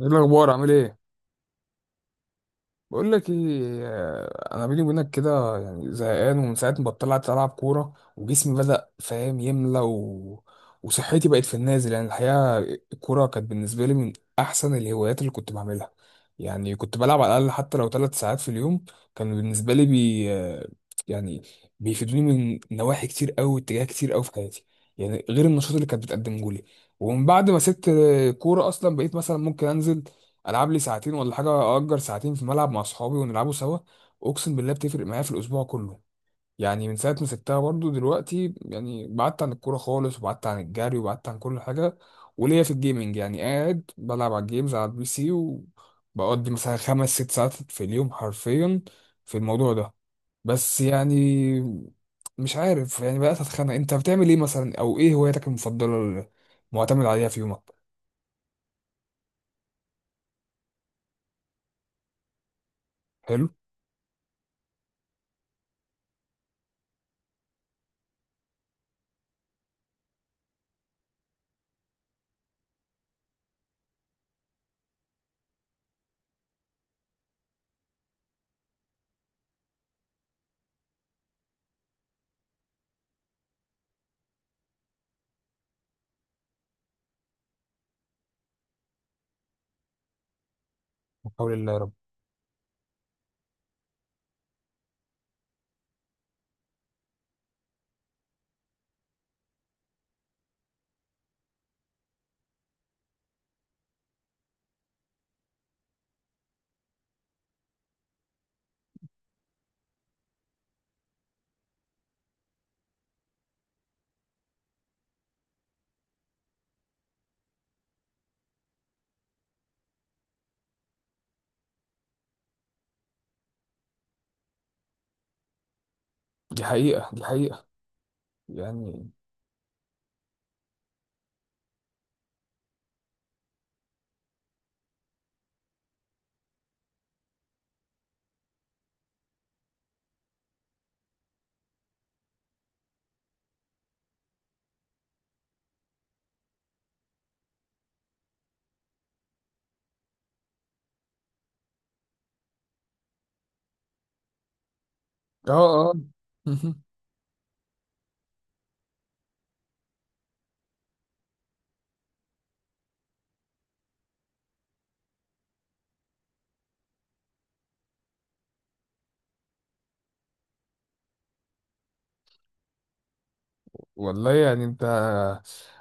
ايه الاخبار؟ عامل ايه؟ بقول لك ايه. انا بيني وبينك كده يعني زهقان، ومن ساعه ما بطلعت العب كوره وجسمي بدا فاهم يملى وصحتي بقت في النازل يعني الحقيقه. الكوره كانت بالنسبه لي من احسن الهوايات اللي كنت بعملها، يعني كنت بلعب على الاقل حتى لو 3 ساعات في اليوم. كان بالنسبه لي بي... آه، يعني بيفيدوني من نواحي كتير قوي، اتجاه كتير قوي في حياتي، يعني غير النشاط اللي كانت بتقدمه لي. ومن بعد ما سبت كوره اصلا بقيت مثلا ممكن انزل العب لي ساعتين ولا حاجه، اجر ساعتين في ملعب مع اصحابي ونلعبوا سوا. اقسم بالله بتفرق معايا في الاسبوع كله. يعني من ساعه ما سبتها برضو دلوقتي يعني بعدت عن الكوره خالص، وبعدت عن الجري، وبعدت عن كل حاجه. وليا في الجيمنج، يعني قاعد بلعب على الجيمز على البي سي، وبقضي مثلا خمس ست ساعات في اليوم حرفيا في الموضوع ده. بس يعني مش عارف، يعني بقيت اتخانق. انت بتعمل ايه مثلا، او ايه هوايتك المفضله اللي معتمد عليها في يومك؟ حلو. حول الله يا رب. دي حقيقه، دي حقيقه. يعني اه اه. والله يعني انت،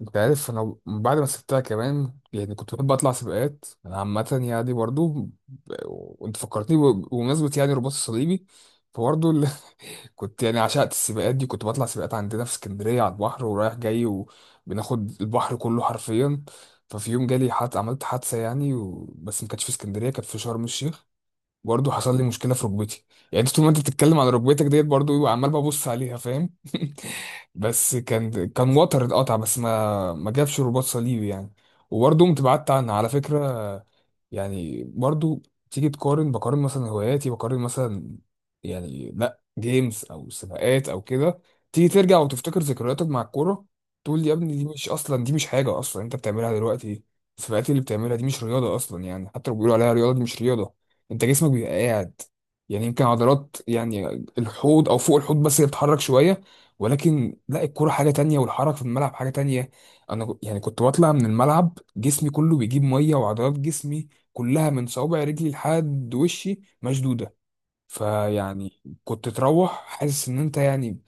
انت عارف انا بعد ما سبتها كمان يعني كنت بحب اطلع سباقات انا عامه يعني برضو وانت فكرتني بمناسبه يعني الرباط الصليبي، فبرضو كنت يعني عشقت السباقات دي، كنت بطلع سباقات عندنا في اسكندريه على البحر ورايح جاي، وبناخد البحر كله حرفيا. ففي يوم جالي حد، عملت حادثه يعني بس ما كانتش في اسكندريه، كانت في شرم الشيخ. برضه حصل لي مشكله في ركبتي. يعني انت طول ما انت بتتكلم على ركبتك ديت برضه ببقى عمال ببص عليها فاهم. بس كان وتر اتقطع، بس ما جابش رباط صليبي يعني. وبرضه قمت بعدت عنها على فكره. يعني برضو تيجي تقارن، بقارن مثلا هواياتي، بقارن مثلا يعني لا جيمز او سباقات او كده، تيجي ترجع وتفتكر ذكرياتك مع الكوره، تقول لي يا ابني دي مش اصلا، دي مش حاجه اصلا انت بتعملها دلوقتي. السباقات اللي بتعملها دي مش رياضه اصلا، يعني حتى لو بيقولوا عليها رياضه دي مش رياضه. انت جسمك بيبقى قاعد، يعني يمكن عضلات يعني الحوض او فوق الحوض بس اللي بتتحرك شويه، ولكن لا الكوره حاجه تانية، والحركه في الملعب حاجه تانية. انا يعني كنت بطلع من الملعب جسمي كله بيجيب ميه، وعضلات جسمي كلها من صوابع رجلي لحد وشي مشدوده. فيعني كنت تروح حاسس ان انت يعني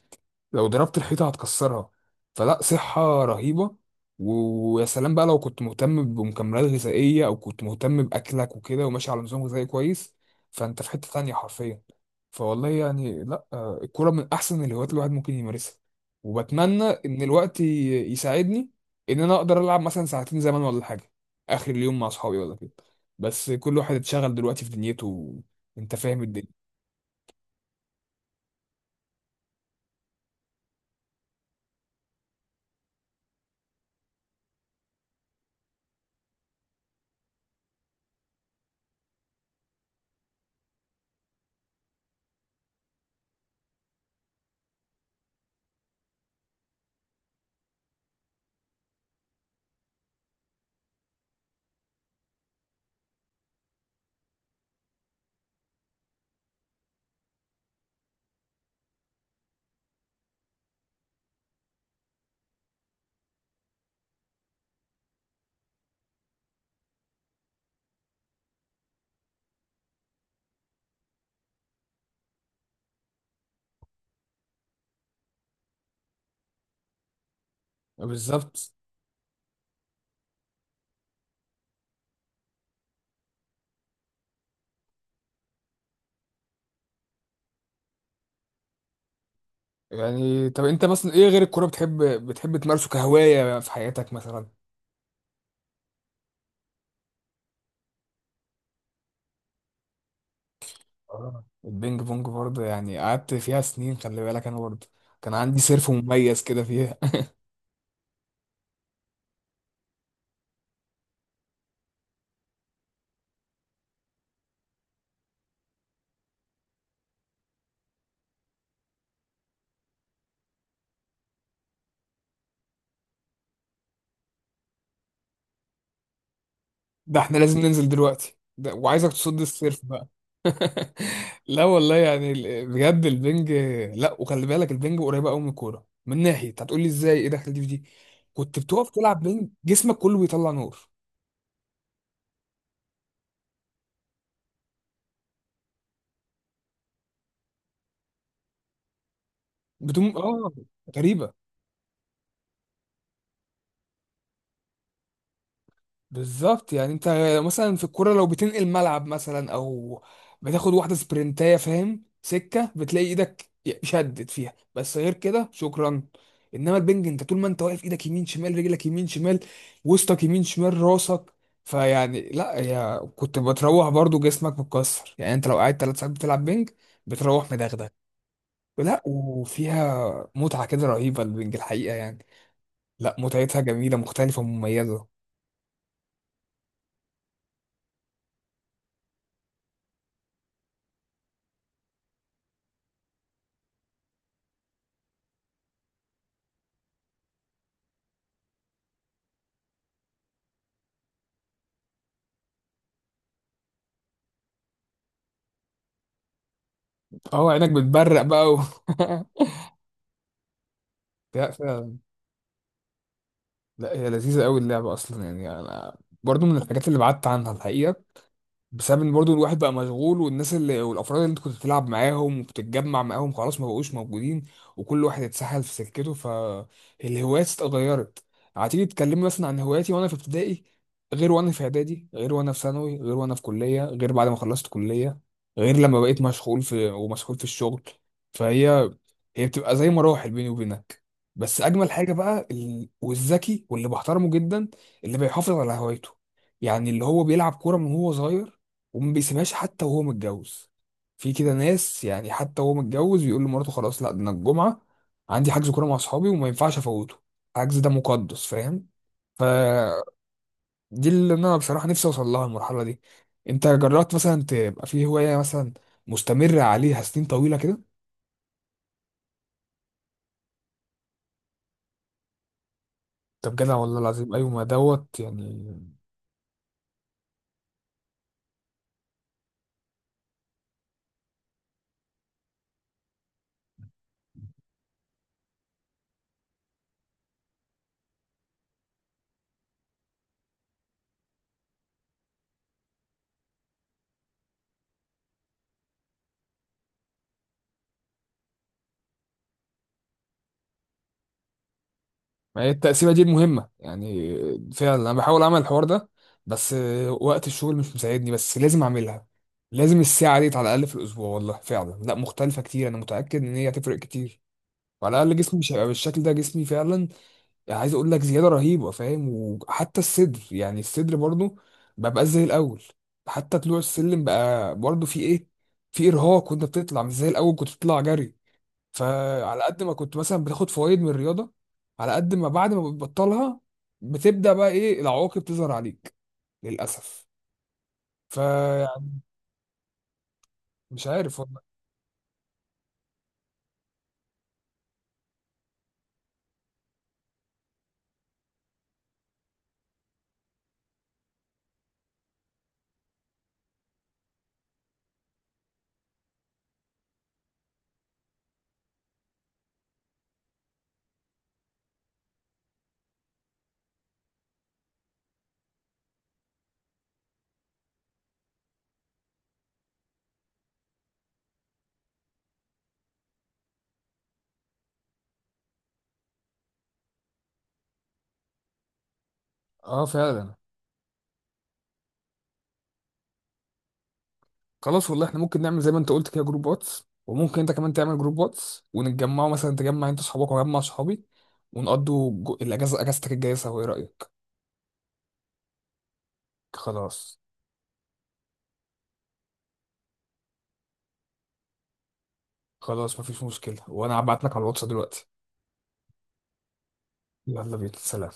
لو ضربت الحيطة هتكسرها. فلا، صحة رهيبة. ويا سلام بقى لو كنت مهتم بمكملات غذائية، أو كنت مهتم بأكلك وكده وماشي على نظام غذائي كويس، فأنت في حتة تانية حرفيا. فوالله يعني لا الكورة من أحسن الهوايات الواحد ممكن يمارسها. وبتمنى إن الوقت يساعدني إن أنا أقدر ألعب مثلا ساعتين زمان ولا حاجة آخر اليوم مع أصحابي ولا كده، بس كل واحد اتشغل دلوقتي في دنيته. أنت فاهم الدنيا. بالظبط. يعني طب انت مثلا ايه غير الكوره بتحب تمارسه كهوايه في حياتك مثلا؟ آه، البينج بونج برضه يعني قعدت فيها سنين. خلي بالك انا برضه كان عندي سيرف مميز كده فيها. ده احنا لازم ننزل دلوقتي ده، وعايزك تصد السيرف بقى. لا والله، يعني بجد البنج. لا، وخلي بالك البنج قريبه قوي من الكوره من ناحيه، هتقول لي ازاي، ايه دخل دي في دي؟ كنت بتقف تلعب بنج جسمك كله بيطلع نور. بتقوم اه. غريبه. بالظبط. يعني انت مثلا في الكوره لو بتنقل ملعب مثلا، او بتاخد واحده سبرنتايه فاهم سكه، بتلاقي ايدك شدت فيها، بس غير كده شكرا. انما البنج انت طول ما انت واقف، ايدك يمين شمال، رجلك يمين شمال، وسطك يمين شمال، راسك. فيعني لا يا، كنت بتروح برضو جسمك متكسر. يعني انت لو قاعد 3 ساعات بتلعب بنج بتروح مدغدغ. لا، وفيها متعه كده رهيبه البنج الحقيقه يعني. لا متعتها جميله مختلفه ومميزه. اه عينك بتبرق بقى لا فعلا. لا هي لذيذة قوي اللعبة أصلا، يعني أنا برضو من الحاجات اللي بعدت عنها الحقيقة، بسبب ان برضه الواحد بقى مشغول، والناس اللي والافراد اللي انت كنت بتلعب معاهم وبتتجمع معاهم خلاص ما بقوش موجودين، وكل واحد اتسحل في سكته، فالهوايات اتغيرت. هتيجي تتكلمي مثلا عن هواياتي وانا في ابتدائي غير وانا في اعدادي غير وانا في ثانوي غير وانا في كليه غير بعد ما خلصت كليه، غير لما بقيت مشغول في ومسحول في الشغل. فهي هي بتبقى زي مراحل بيني وبينك. بس اجمل حاجه بقى والذكي واللي بحترمه جدا اللي بيحافظ على هوايته، يعني اللي هو بيلعب كوره من هو صغير وما بيسيبهاش حتى وهو متجوز. في كده ناس يعني حتى وهو متجوز يقول لمراته خلاص لا ده انا الجمعه عندي حجز كوره مع اصحابي وما ينفعش افوته. الحجز ده مقدس، فاهم. فدي اللي انا بصراحه نفسي اوصل لها المرحله دي. انت جربت مثلا تبقى في هوايه مثلا مستمر عليها سنين طويله كده؟ طب جدع، والله العظيم ايوه ما دوت يعني. ما هي التقسيمه دي المهمه يعني. فعلا انا بحاول اعمل الحوار ده، بس وقت الشغل مش مساعدني، بس لازم اعملها، لازم الساعه دي على الاقل في الاسبوع. والله فعلا لا مختلفه كتير، انا متاكد ان هي هتفرق كتير، وعلى الاقل جسمي مش هيبقى بالشكل ده، جسمي فعلا يعني عايز اقول لك زياده رهيبه فاهم. وحتى الصدر يعني الصدر برضه ببقى زي الاول. حتى طلوع السلم بقى برضه في ايه، في ارهاق وانت بتطلع، مش زي الاول كنت بتطلع جري. فعلى قد ما كنت مثلا بتاخد فوائد من الرياضه، على قد ما بعد ما بتبطلها بتبدا بقى ايه العواقب تظهر عليك، للاسف. فيعني مش عارف والله. اه فعلا. خلاص والله احنا ممكن نعمل زي ما انت قلت كده جروب واتس، وممكن انت كمان تعمل جروب واتس ونتجمعوا، مثلا تجمع انت صحابك واجمع صحابي، ونقضوا الاجازه، اجازتك الجايه سوا، ايه رايك؟ خلاص، خلاص مفيش مشكله، وانا هبعت لك على الواتس دلوقتي. يلا بينا، سلام.